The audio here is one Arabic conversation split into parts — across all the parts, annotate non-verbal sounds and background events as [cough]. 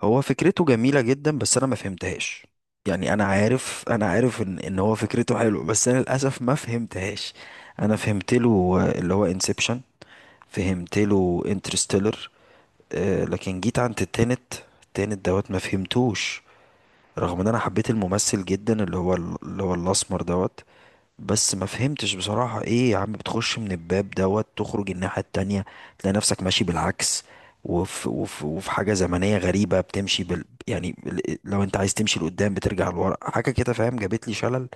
هو فكرته جميلة جدا، بس انا ما فهمتهاش. يعني انا عارف ان هو فكرته حلو، بس انا للاسف ما فهمتهاش. انا فهمت له، آه، اللي هو انسبشن. فهمت له انترستيلر، لكن جيت عند التنت. التنت دوت ما فهمتوش، رغم ان انا حبيت الممثل جدا، اللي هو اللي هو الاسمر دوت. بس ما فهمتش بصراحة، ايه يا عم، بتخش من الباب دوت تخرج الناحية التانية، تلاقي نفسك ماشي بالعكس. وفي حاجة زمنية غريبة بتمشي بال لو انت عايز تمشي لقدام بترجع لورا، حاجة كده فاهم، جابت لي شلل.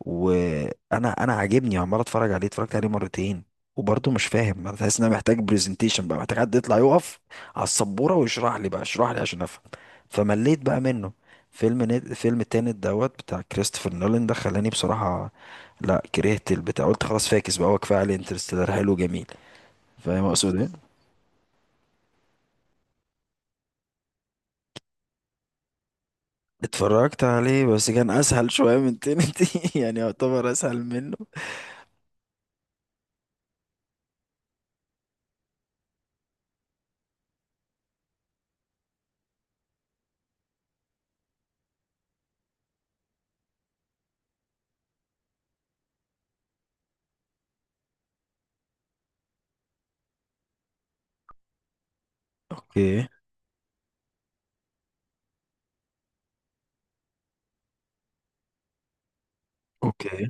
وانا عاجبني عمال اتفرج عليه، اتفرجت عليه مرتين. وبرضه مش فاهم، تحس ان انا محتاج برزنتيشن بقى، محتاج حد يطلع يقف على السبوره ويشرح لي بقى، اشرح لي عشان افهم. فمليت بقى منه. فيلم التاني دوت بتاع كريستوفر نولان ده خلاني بصراحه، لا كرهت البتاع، قلت خلاص فاكس بقى، هو كفايه عليه انترستيلر حلو جميل. فاهم اقصد ايه. اتفرجت عليه بس كان اسهل شويه من تنتي [laughs] يعني يعتبر اسهل منه. اوكي. اوكي.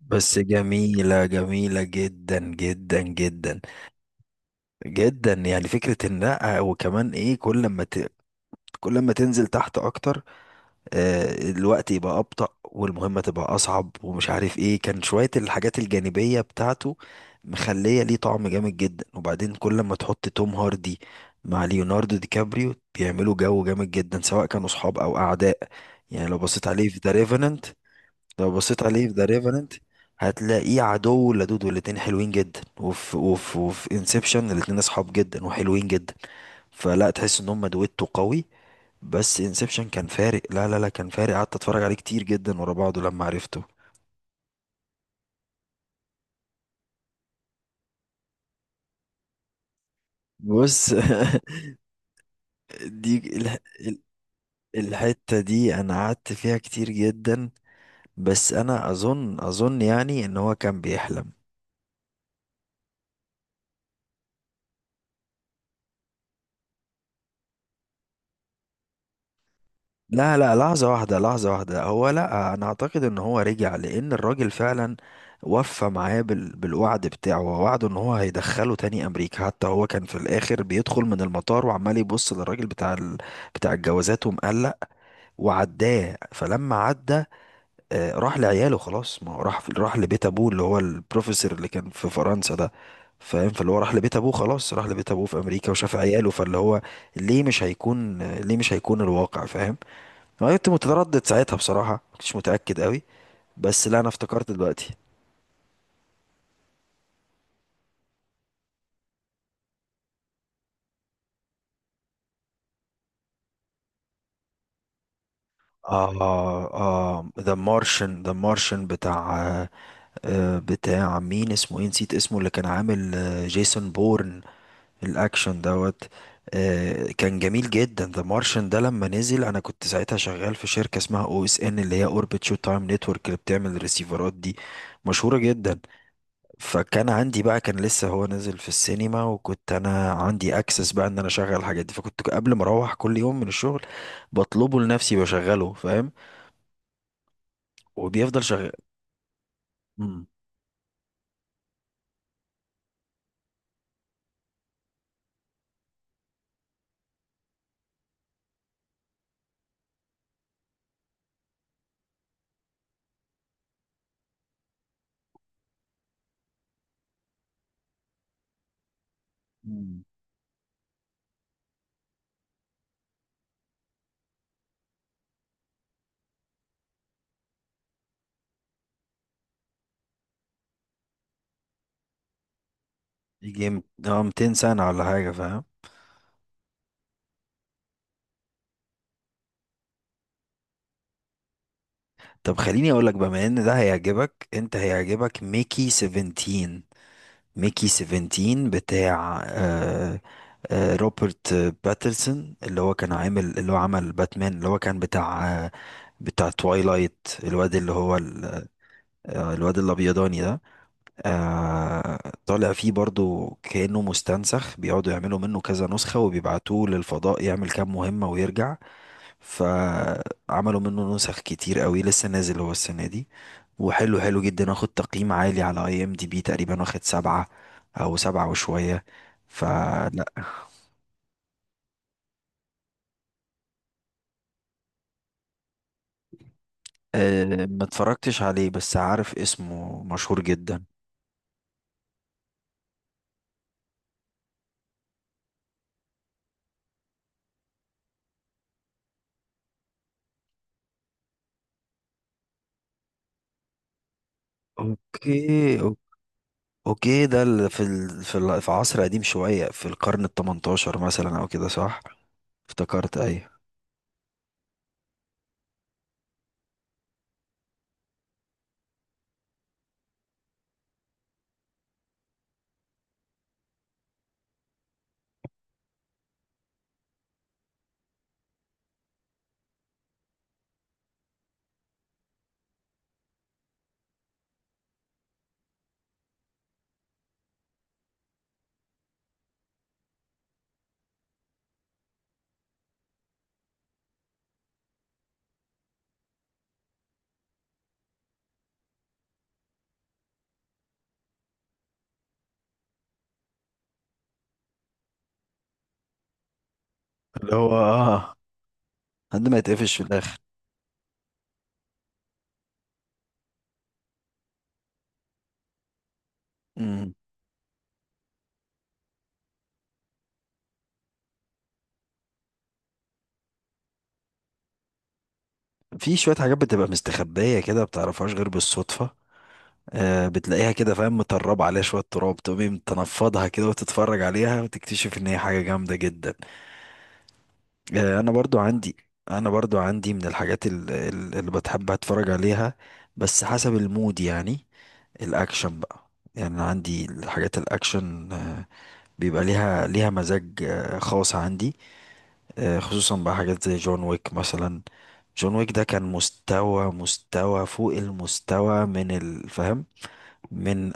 بس جميلة جدا جدا جدا. جدا يعني، فكرة النقع، وكمان ايه، كل ما تنزل تحت اكتر، آه، الوقت يبقى ابطأ والمهمة تبقى اصعب ومش عارف ايه، كان شوية الحاجات الجانبية بتاعته مخلية ليه طعم جامد جدا. وبعدين كل ما تحط توم هاردي مع ليوناردو دي كابريو بيعملوا جو جامد جدا، سواء كانوا صحاب او اعداء. يعني لو بصيت عليه في ذا ريفننت، هتلاقيه عدو ولدود، والاتنين حلوين جدا. وفي انسبشن الاتنين اصحاب جدا وحلوين جدا، فلا تحس ان هم دويتو قوي. بس انسبشن كان فارق، لا لا لا، كان فارق، قعدت اتفرج عليه كتير جدا ورا بعضه لما عرفته. بص. [laughs] دي الح... ال- الحتة دي انا قعدت فيها كتير جدا. بس انا اظن يعني ان هو كان بيحلم. لا لا، لحظة واحدة، لحظة واحدة، هو، لا، أنا أعتقد إن هو رجع، لأن الراجل فعلا وفى معاه بالوعد بتاعه ووعده إن هو هيدخله تاني أمريكا. حتى هو كان في الآخر بيدخل من المطار وعمال يبص للراجل بتاع الجوازات ومقلق، وعداه، فلما عدى، آه، راح لعياله خلاص. ما هو راح لبيت أبوه اللي هو البروفيسور اللي كان في فرنسا ده، فاهم. فاللي هو راح لبيت أبوه خلاص، راح لبيت أبوه في أمريكا وشاف عياله. فاللي هو ليه مش هيكون الواقع، فاهم. انا كنت متردد ساعتها بصراحه، ما كنتش متاكد قوي، بس لا، انا افتكرت دلوقتي. اه اه ذا مارشن بتاع بتاع مين، اسمه ايه، نسيت اسمه، اللي كان عامل جيسون بورن. الاكشن دوت. كان جميل جدا. ذا مارشن ده لما نزل انا كنت ساعتها شغال في شركه اسمها او اس ان، اللي هي اوربت شو تايم نتورك، اللي بتعمل الريسيفرات دي، مشهوره جدا. فكان عندي بقى، كان لسه هو نازل في السينما، وكنت انا عندي اكسس بقى ان انا اشغل الحاجات دي، فكنت قبل ما اروح كل يوم من الشغل بطلبه لنفسي بشغله، فاهم. وبيفضل شغال. مم. مم. يجي اه 200 سنة ولا حاجة، فاهم. طب خليني اقول لك، بما ان ده هيعجبك انت، هيعجبك ميكي 17. ميكي 17 بتاع آه، آه، روبرت باترسون، اللي هو كان عامل، اللي هو عمل باتمان، اللي هو كان بتاع آه، بتاع توايلايت، الواد اللي هو الواد الابيضاني ده. آه. طالع فيه برضو كأنه مستنسخ، بيقعدوا يعملوا منه كذا نسخة وبيبعتوه للفضاء يعمل كام مهمة ويرجع. فعملوا منه نسخ كتير قوي، لسه نازل هو السنة دي، وحلو حلو جدا، واخد تقييم عالي على اي ام دي بي، تقريبا واخد سبعة او سبعة وشوية، فلا. أه ما اتفرجتش عليه بس عارف اسمه، مشهور جدا. اوكي اوكي، ده في عصر قديم شوية، في القرن التمنتاشر مثلا او كده، صح. افتكرت، ايوه. اللي هو اه، عندما يتقفش في الاخر. مم. في شوية حاجات بتبقى مستخبية كده، بتعرفهاش غير بالصدفة، آه، بتلاقيها كده، فاهم، متربة عليها شوية تراب، تقومي تنفضها كده وتتفرج عليها وتكتشف ان هي حاجة جامدة جدا. آه، انا برضو عندي من الحاجات اللي بتحب اتفرج عليها، بس حسب المود يعني. الاكشن بقى، يعني أنا عندي الحاجات الاكشن آه، بيبقى ليها ليها مزاج آه، خاص عندي. آه، خصوصا بقى حاجات زي جون ويك مثلا. جون ويك ده كان مستوى، مستوى فوق المستوى، من الفهم، من.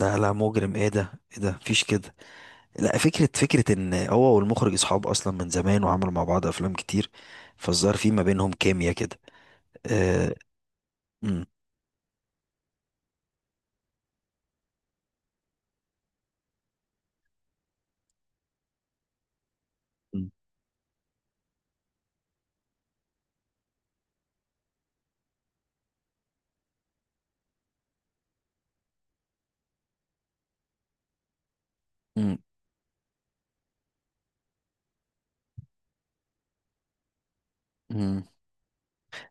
لا لا، مجرم، ايه ده، ايه ده، مفيش كده. لا، فكرة، فكرة ان هو والمخرج اصحاب اصلا من زمان، وعملوا مع بعض افلام كتير، فالظاهر في ما بينهم كيمياء كده. آه. مم، مم، مم، مم.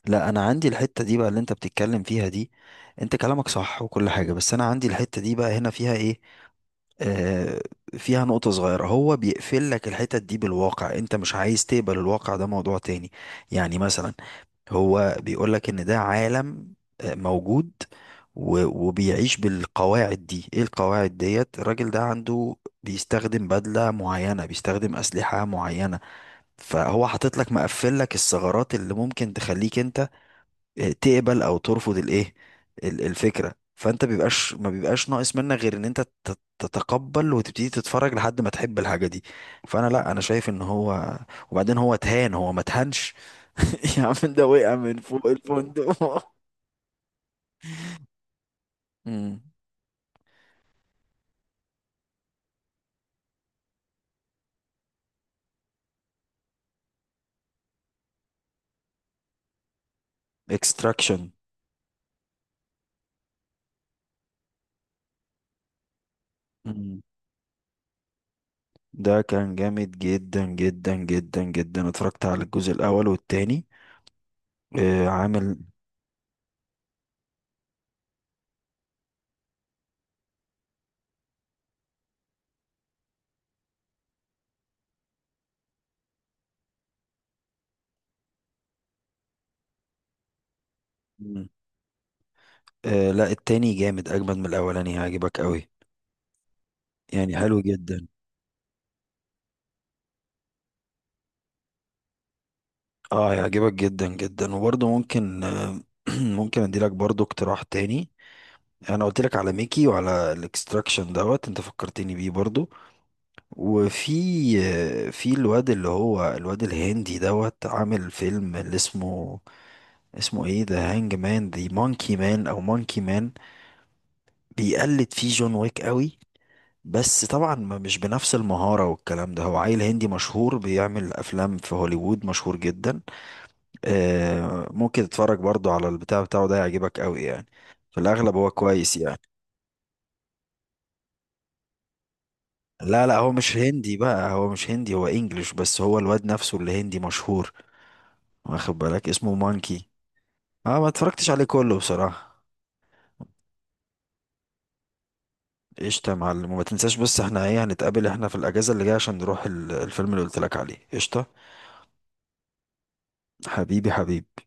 لا انا عندي الحتة دي بقى اللي انت بتتكلم فيها دي، انت كلامك صح وكل حاجة، بس انا عندي الحتة دي بقى هنا، فيها ايه؟ آه، فيها نقطة صغيرة، هو بيقفل لك الحتت دي بالواقع، انت مش عايز تقبل الواقع ده، موضوع تاني. يعني مثلا هو بيقول لك ان ده عالم آه، موجود وبيعيش بالقواعد دي، ايه القواعد ديت، الراجل ده عنده بيستخدم بدلة معينة، بيستخدم أسلحة معينة. فهو حاطط لك، مقفل لك الثغرات اللي ممكن تخليك انت تقبل او ترفض الايه، الفكره. فانت ما بيبقاش ناقص منك غير ان انت تتقبل وتبتدي تتفرج لحد ما تحب الحاجه دي. فانا، لا انا شايف ان هو، وبعدين هو اتهان، هو ما اتهانش. [laughs] يا عم ده وقع من فوق الفندق [laughs] امم اكستراكشن. مم. ده كان جامد جدا جدا جدا جدا، اتفرجت على الجزء الاول والتاني. آه، عامل. مم. آه لا، التاني جامد اجمد من الاولاني، هيعجبك قوي، يعني حلو جدا. اه هيعجبك جدا جدا، وبرضه ممكن آه، [clears throat] ممكن اديلك برضه اقتراح تاني. انا قلت لك على ميكي وعلى الاكستراكشن دوت، انت فكرتني بيه برضه. وفي آه، في الواد اللي هو الواد الهندي دوت عامل فيلم اللي اسمه، اسمه ايه ده، هانج مان، دي مونكي مان او مونكي مان. بيقلد فيه جون ويك قوي، بس طبعا مش بنفس المهارة والكلام ده. هو عيل هندي مشهور، بيعمل افلام في هوليوود، مشهور جدا. آه، ممكن تتفرج برضو على البتاع بتاعه ده، يعجبك قوي يعني، في الاغلب هو كويس يعني. لا لا، هو مش هندي بقى، هو مش هندي هو انجليش، بس هو الواد نفسه اللي هندي مشهور. واخد بالك اسمه مانكي. اه، ما اتفرجتش عليه كله بصراحة. قشطة يا معلم، وما تنساش بس، احنا ايه، هنتقابل احنا في الاجازة اللي جاية عشان نروح الفيلم اللي قلت لك عليه، قشطة. حبيبي حبيبي.